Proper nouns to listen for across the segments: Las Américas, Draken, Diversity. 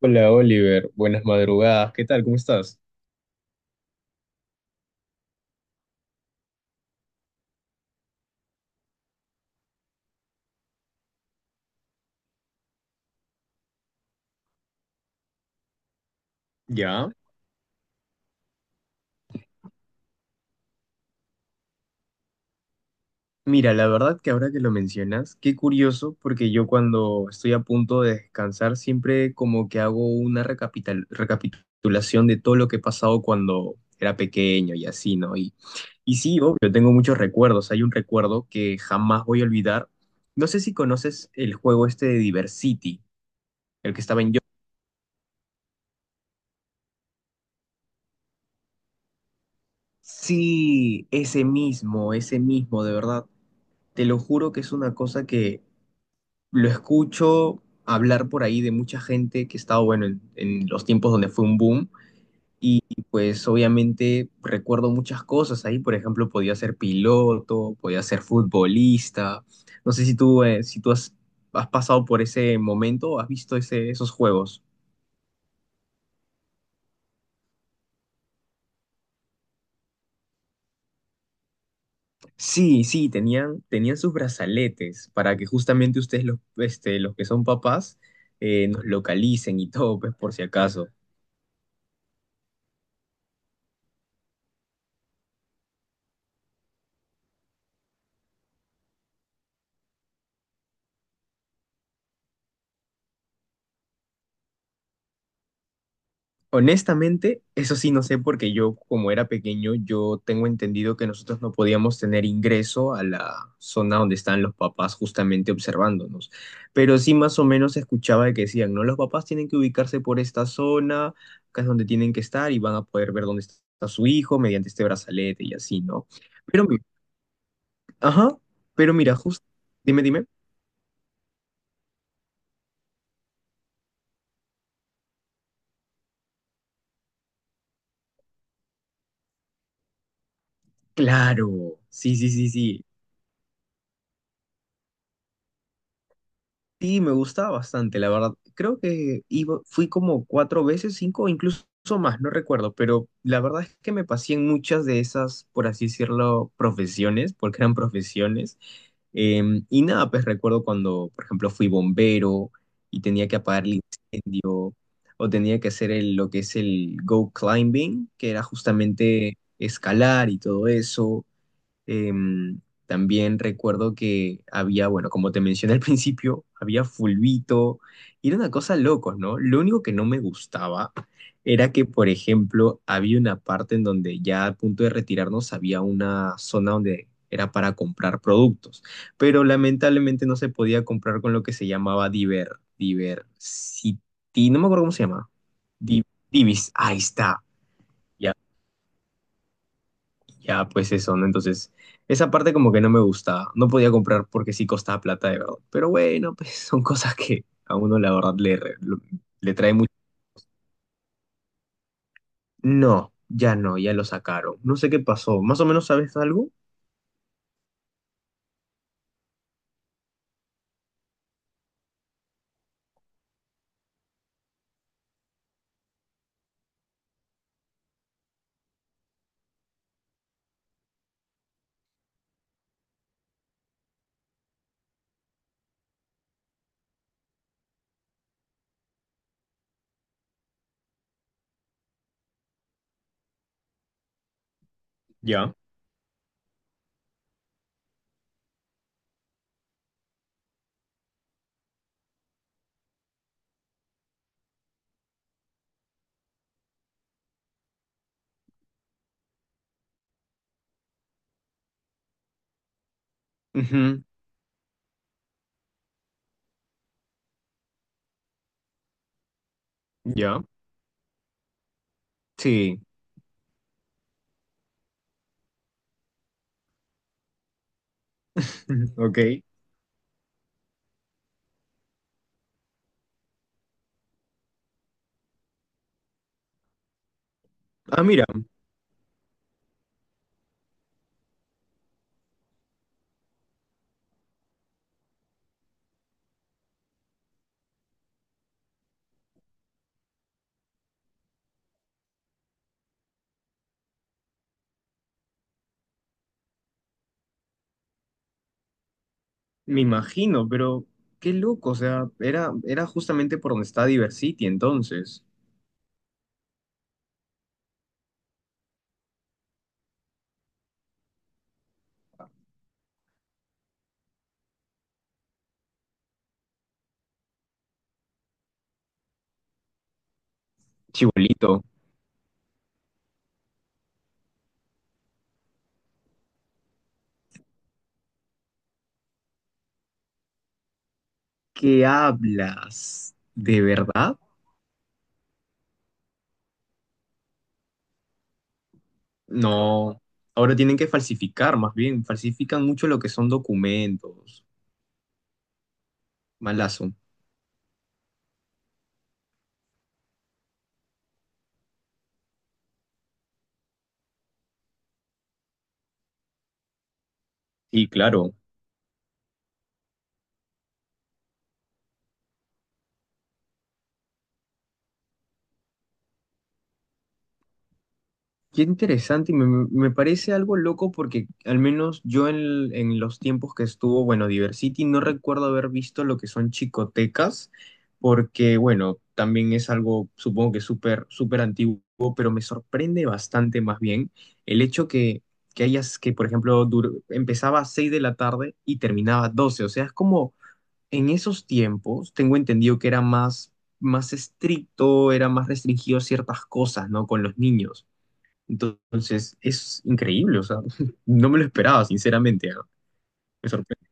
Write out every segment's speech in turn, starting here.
Hola Oliver, buenas madrugadas, ¿qué tal? ¿Cómo estás? Ya. Mira, la verdad que ahora que lo mencionas, qué curioso, porque yo cuando estoy a punto de descansar siempre como que hago una recapitulación de todo lo que he pasado cuando era pequeño y así, ¿no? Y sí, obvio, tengo muchos recuerdos. Hay un recuerdo que jamás voy a olvidar. No sé si conoces el juego este de Diversity, el que estaba en yo. Sí, ese mismo, de verdad. Te lo juro que es una cosa que lo escucho hablar por ahí de mucha gente que estaba, bueno, en los tiempos donde fue un boom. Y pues obviamente recuerdo muchas cosas ahí. Por ejemplo, podía ser piloto, podía ser futbolista. No sé si tú, si tú has, has pasado por ese momento o has visto ese, esos juegos. Sí, sí, tenían, tenían sus brazaletes para que justamente ustedes, los, los que son papás, nos localicen y todo, pues por si acaso. Honestamente, eso sí no sé porque yo como era pequeño, yo tengo entendido que nosotros no podíamos tener ingreso a la zona donde están los papás justamente observándonos. Pero sí más o menos escuchaba de que decían, no, los papás tienen que ubicarse por esta zona, acá es donde tienen que estar y van a poder ver dónde está su hijo mediante este brazalete y así, ¿no? Pero, ajá, pero mira, justo, dime, dime. Claro, sí, sí, sí, sí. Sí, me gustaba bastante, la verdad. Creo que iba, fui como cuatro veces, cinco, o incluso más, no recuerdo, pero la verdad es que me pasé en muchas de esas, por así decirlo, profesiones, porque eran profesiones. Y nada, pues recuerdo cuando, por ejemplo, fui bombero y tenía que o tenía que hacer lo que es el go climbing, que era justamente escalar y todo eso. Em, También recuerdo que había, bueno, como te mencioné al principio, había fulbito y era una cosa locos, ¿no? Lo único que no me gustaba era que, por ejemplo, había una parte en donde ya a punto de retirarnos había una zona donde era para comprar productos, pero lamentablemente no se podía comprar con lo que se llamaba Diver, Diversity, no me acuerdo cómo se llama, Di- Divis, ahí está. Ya, pues eso, ¿no? Entonces, esa parte como que no me gustaba. No podía comprar porque sí costaba plata, de verdad. Pero bueno, pues son cosas que a uno la verdad le trae mucho. No, ya no, ya lo sacaron. No sé qué pasó. ¿Más o menos sabes algo? Ya, ujú, ya, sí, ok. Ah, mira, me imagino, pero qué loco, o sea, era, era justamente por donde está Diversity entonces. Chibolito. ¿Qué hablas? ¿De verdad? No, ahora tienen que falsificar, más bien, falsifican mucho lo que son documentos. Malazo. Y claro, qué interesante, y me parece algo loco porque al menos yo en los tiempos que estuvo, bueno, Diversity, no recuerdo haber visto lo que son chicotecas, porque bueno, también es algo, supongo que súper, súper antiguo, pero me sorprende bastante más bien el hecho que hayas, que por ejemplo, empezaba a 6 de la tarde y terminaba a 12, o sea, es como en esos tiempos tengo entendido que era más, más estricto, era más restringido a ciertas cosas, ¿no? Con los niños. Entonces, es increíble, o sea, no me lo esperaba, sinceramente, ¿no? Me sorprende.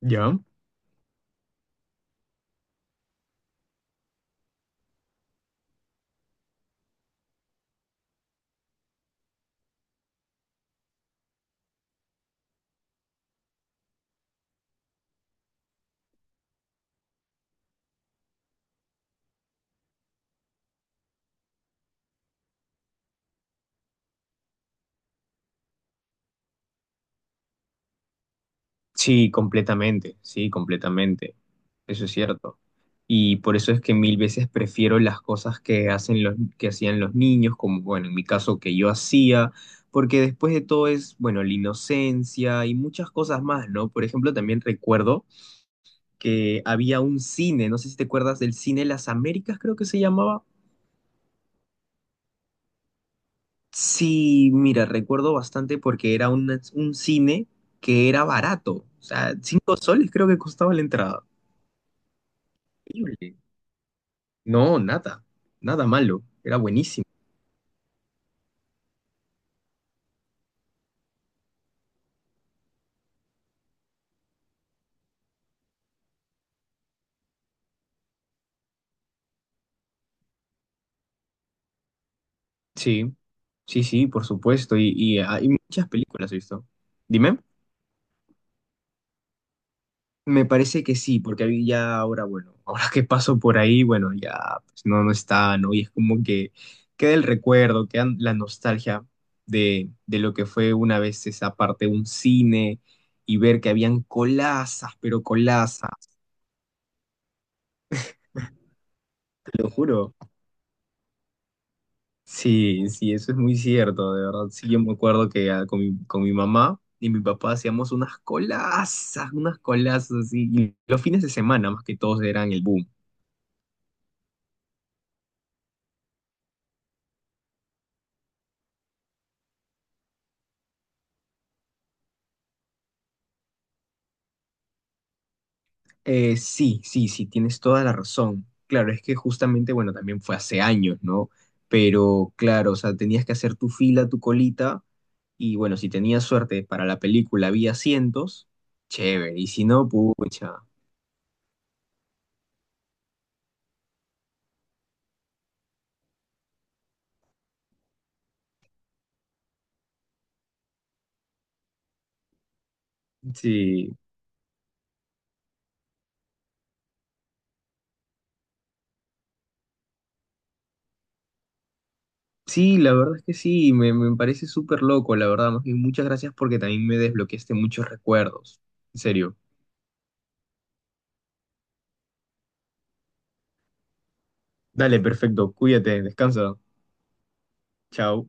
¿Ya? Sí, completamente, sí, completamente. Eso es cierto. Y por eso es que mil veces prefiero las cosas que hacen los, que hacían los niños, como, bueno, en mi caso que yo hacía, porque después de todo es, bueno, la inocencia y muchas cosas más, ¿no? Por ejemplo, también recuerdo que había un cine, no sé si te acuerdas del cine Las Américas, creo que se llamaba. Sí, mira, recuerdo bastante porque era un cine que era barato, o sea, 5 soles creo que costaba la entrada. Increíble. No, nada, nada malo, era buenísimo. Sí, sí, sí, por supuesto, y hay muchas películas, ¿has visto? Dime. Me parece que sí, porque ahí ya ahora, bueno, ahora que paso por ahí, bueno, ya pues, no, no está, ¿no? Y es como que queda el recuerdo, queda la nostalgia de lo que fue una vez esa parte, un cine, y ver que habían colazas, pero colazas, te lo juro. Sí, sí, eso es muy cierto, de verdad. Sí, yo me acuerdo que ah, con mi mamá y mi papá hacíamos unas colazas así, y los fines de semana más que todos eran el boom. Sí, sí, sí, tienes toda la razón. Claro, es que justamente, bueno, también fue hace años, ¿no? Pero claro, o sea, tenías que hacer tu fila, tu colita, y bueno, si tenías suerte para la película había asientos, chévere, y si no, pucha. Sí, sí, la verdad es que sí, me parece súper loco, la verdad, más bien muchas gracias porque también me desbloqueaste muchos recuerdos. En serio. Dale, perfecto, cuídate, descansa. Chao.